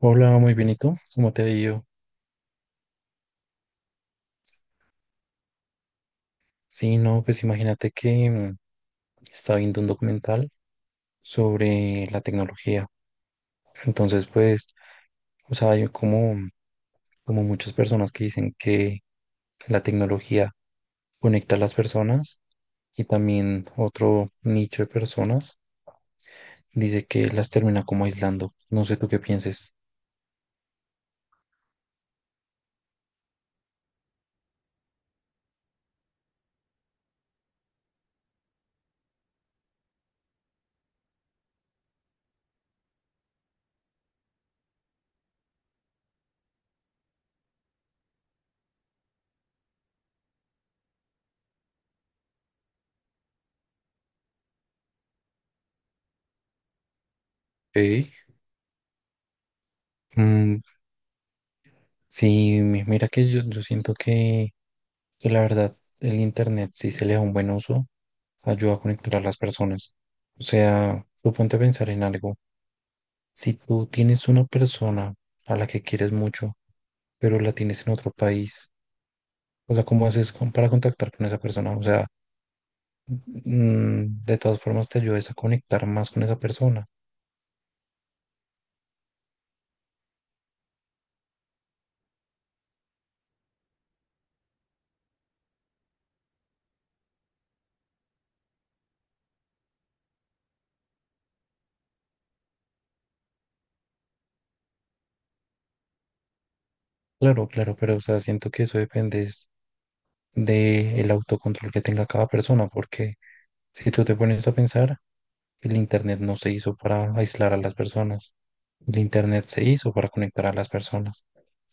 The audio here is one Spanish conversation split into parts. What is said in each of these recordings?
Hola, muy bien, ¿y tú? ¿Cómo te ha ido? Sí, no, pues imagínate que estaba viendo un documental sobre la tecnología. Entonces, pues, o sea, hay como como muchas personas que dicen que la tecnología conecta a las personas, y también otro nicho de personas dice que las termina como aislando. No sé tú qué pienses. Ey. Mm, sí, mira que yo siento que la verdad, el internet, si se le da un buen uso, ayuda a conectar a las personas. O sea, tú ponte a pensar en algo. Si tú tienes una persona a la que quieres mucho, pero la tienes en otro país, o sea, ¿cómo haces para contactar con esa persona? O sea, de todas formas te ayudas a conectar más con esa persona. Claro, claro, pero o sea, siento que eso depende es de el autocontrol que tenga cada persona, porque si tú te pones a pensar, el internet no se hizo para aislar a las personas. El internet se hizo para conectar a las personas.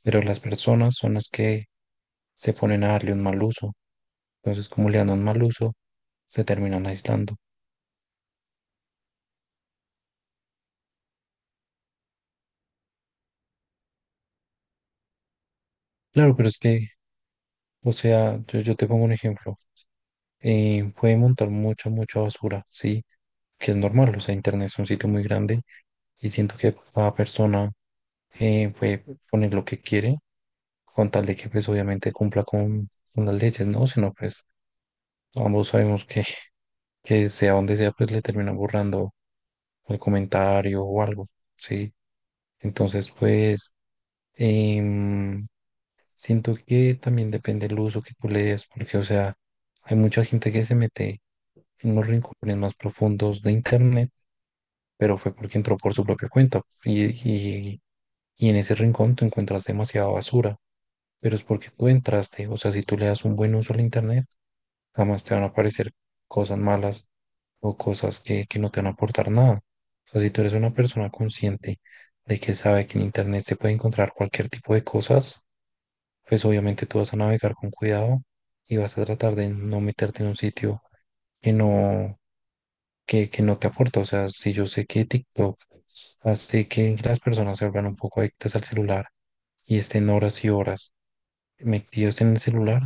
Pero las personas son las que se ponen a darle un mal uso. Entonces, como le dan un mal uso, se terminan aislando. Claro, pero es que, o sea, yo te pongo un ejemplo. Puede montar mucha basura, ¿sí? Que es normal, o sea, internet es un sitio muy grande y siento que cada persona puede poner lo que quiere, con tal de que pues obviamente cumpla con las leyes, ¿no? Si no, pues ambos sabemos que, que sea donde sea, pues le terminan borrando el comentario o algo, ¿sí? Entonces, pues, em, siento que también depende el uso que tú le des, porque, o sea, hay mucha gente que se mete en los rincones más profundos de internet, pero fue porque entró por su propia cuenta. Y en ese rincón tú encuentras demasiada basura, pero es porque tú entraste. O sea, si tú le das un buen uso al internet, jamás te van a aparecer cosas malas o cosas que no te van a aportar nada. O sea, si tú eres una persona consciente, de que sabe que en internet se puede encontrar cualquier tipo de cosas, pues obviamente tú vas a navegar con cuidado y vas a tratar de no meterte en un sitio que no, que no te aporta. O sea, si yo sé que TikTok hace que las personas se vuelvan un poco adictas al celular y estén horas y horas metidos en el celular,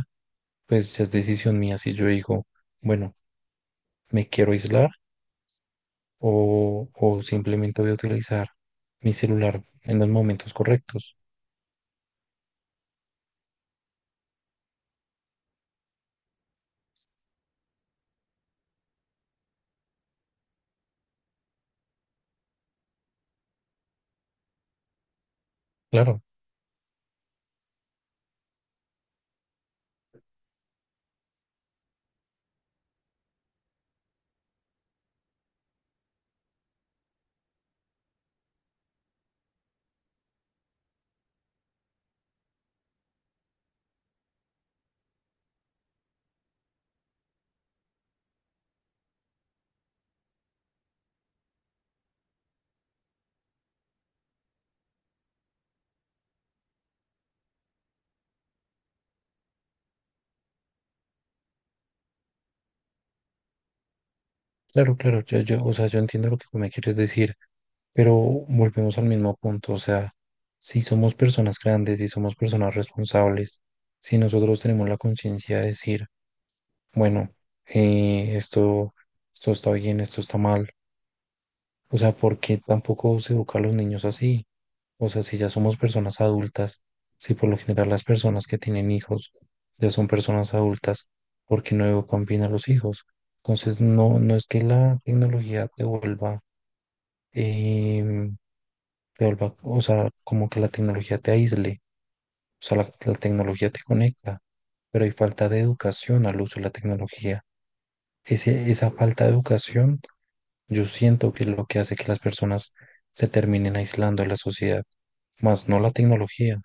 pues ya es decisión mía. Si yo digo, bueno, me quiero aislar, o simplemente voy a utilizar mi celular en los momentos correctos. Claro. Claro, claro, o sea, yo entiendo lo que tú me quieres decir, pero volvemos al mismo punto, o sea, si somos personas grandes, si somos personas responsables, si nosotros tenemos la conciencia de decir, bueno, eh, esto, esto está bien, esto está mal, o sea, ¿por qué tampoco se educa a los niños así? O sea, si ya somos personas adultas, si por lo general las personas que tienen hijos ya son personas adultas, ¿por qué no educan bien a los hijos? Entonces, no, no es que la tecnología te vuelva, em, o sea, como que la tecnología te aísle, o sea, la tecnología te conecta, pero hay falta de educación al uso de la tecnología. Esa falta de educación yo siento que es lo que hace que las personas se terminen aislando de la sociedad, más no la tecnología.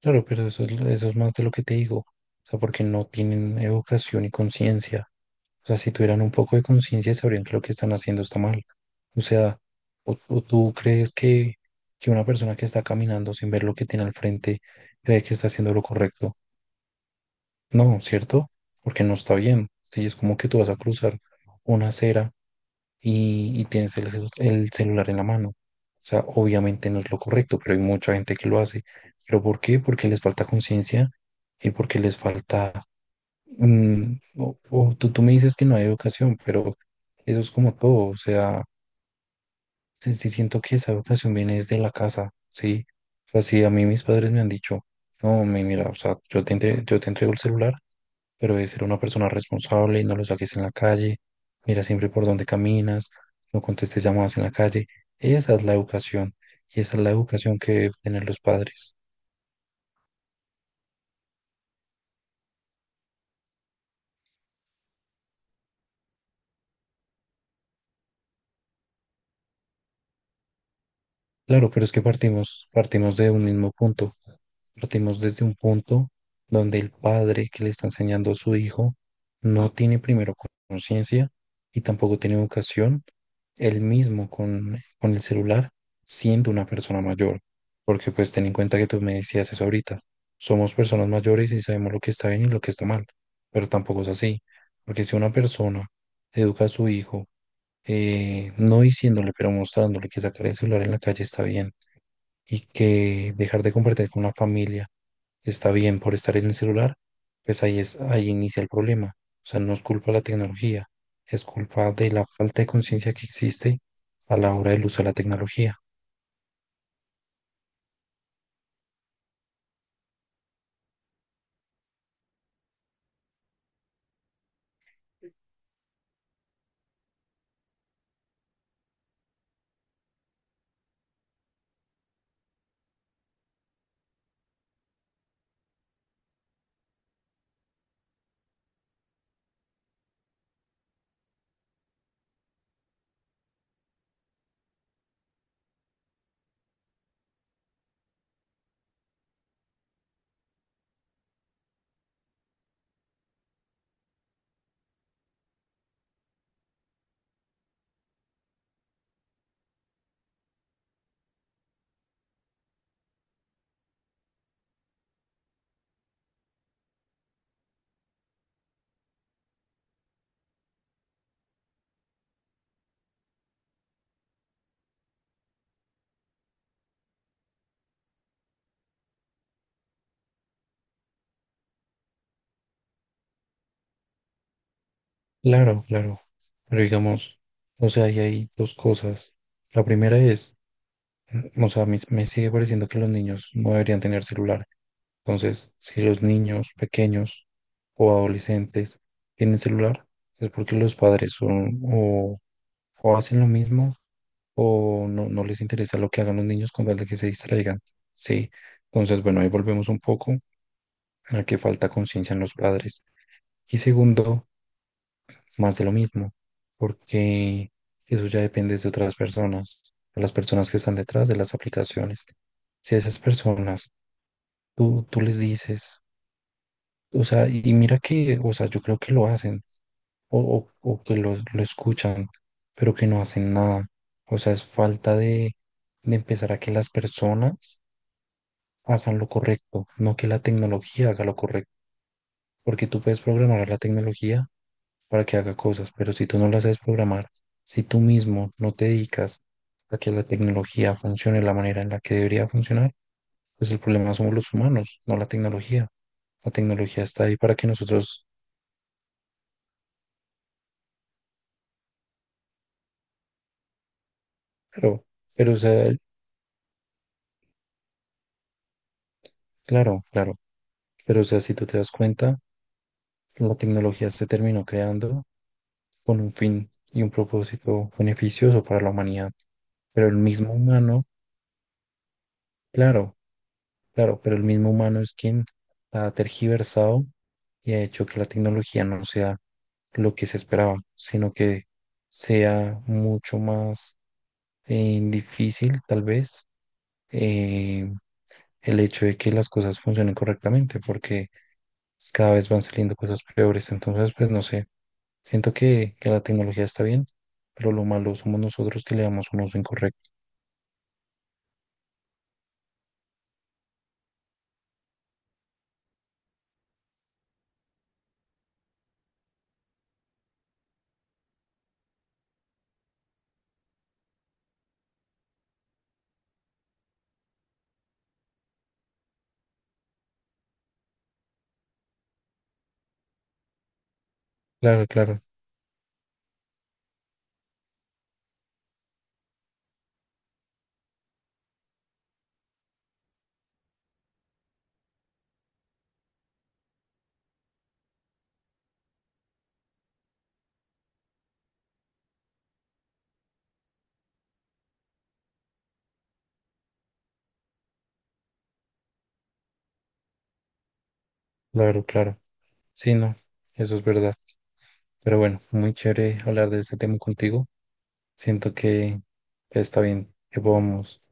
Claro, pero eso es, eso es más de lo que te digo. O sea, porque no tienen educación y conciencia. O sea, si tuvieran un poco de conciencia, sabrían que lo que están haciendo está mal. O sea, o tú crees que una persona que está caminando sin ver lo que tiene al frente cree que está haciendo lo correcto. No, ¿cierto? Porque no está bien. Sí, es como que tú vas a cruzar una acera y tienes el, el celular en la mano. O sea, obviamente no es lo correcto, pero hay mucha gente que lo hace. ¿Pero por qué? Porque les falta conciencia y porque les falta... o tú me dices que no hay educación, pero eso es como todo. O sea, sí, sí siento que esa educación viene desde la casa, ¿sí? O sea, si a mí mis padres me han dicho, no, mira, o sea, yo te, yo te entrego el celular, pero de ser una persona responsable y no lo saques en la calle, mira siempre por dónde caminas, no contestes llamadas en la calle. Esa es la educación y esa es la educación que deben tener los padres. Claro, pero es que partimos de un mismo punto. Partimos desde un punto donde el padre que le está enseñando a su hijo no tiene primero conciencia y tampoco tiene educación él mismo con el celular, siendo una persona mayor. Porque pues ten en cuenta que tú me decías eso ahorita. Somos personas mayores y sabemos lo que está bien y lo que está mal. Pero tampoco es así. Porque si una persona educa a su hijo, no diciéndole, pero mostrándole que sacar el celular en la calle está bien y que dejar de compartir con la familia está bien por estar en el celular, pues ahí es, ahí inicia el problema. O sea, no es culpa de la tecnología, es culpa de la falta de conciencia que existe a la hora del uso de la tecnología. Claro, claro. Pero digamos, o sea, ahí hay dos cosas. La primera es, o sea, me sigue pareciendo que los niños no deberían tener celular. Entonces, si los niños pequeños o adolescentes tienen celular, es porque los padres son o hacen lo mismo o no, no les interesa lo que hagan los niños con tal de que se distraigan, ¿sí? Entonces, bueno, ahí volvemos un poco a que falta conciencia en los padres. Y segundo, más de lo mismo, porque eso ya depende de otras personas, de las personas que están detrás de las aplicaciones. Si a esas personas tú les dices, o sea, y mira que, o sea, yo creo que lo hacen o, o que lo escuchan, pero que no hacen nada. O sea, es falta de empezar a que las personas hagan lo correcto, no que la tecnología haga lo correcto, porque tú puedes programar a la tecnología para que haga cosas, pero si tú no la sabes programar, si tú mismo no te dedicas a que la tecnología funcione de la manera en la que debería funcionar, pues el problema somos los humanos, no la tecnología. La tecnología está ahí para que nosotros, pero, pero, o sea, claro, claro, pero, o sea, si tú te das cuenta, la tecnología se terminó creando con un fin y un propósito beneficioso para la humanidad. Pero el mismo humano, claro, claro, pero el mismo humano es quien ha tergiversado y ha hecho que la tecnología no sea lo que se esperaba, sino que sea mucho más difícil, tal vez, eh, el hecho de que las cosas funcionen correctamente, porque cada vez van saliendo cosas peores. Entonces, pues no sé, siento que la tecnología está bien, pero lo malo somos nosotros que le damos un uso incorrecto. Claro, claro, claro, claro. Sí, no, eso es verdad. Pero bueno, muy chévere hablar de este tema contigo. Siento que está bien que podamos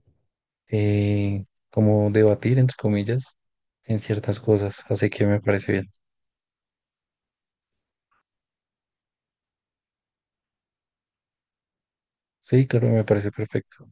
eh, como debatir, entre comillas, en ciertas cosas. Así que me parece bien. Sí, claro, me parece perfecto.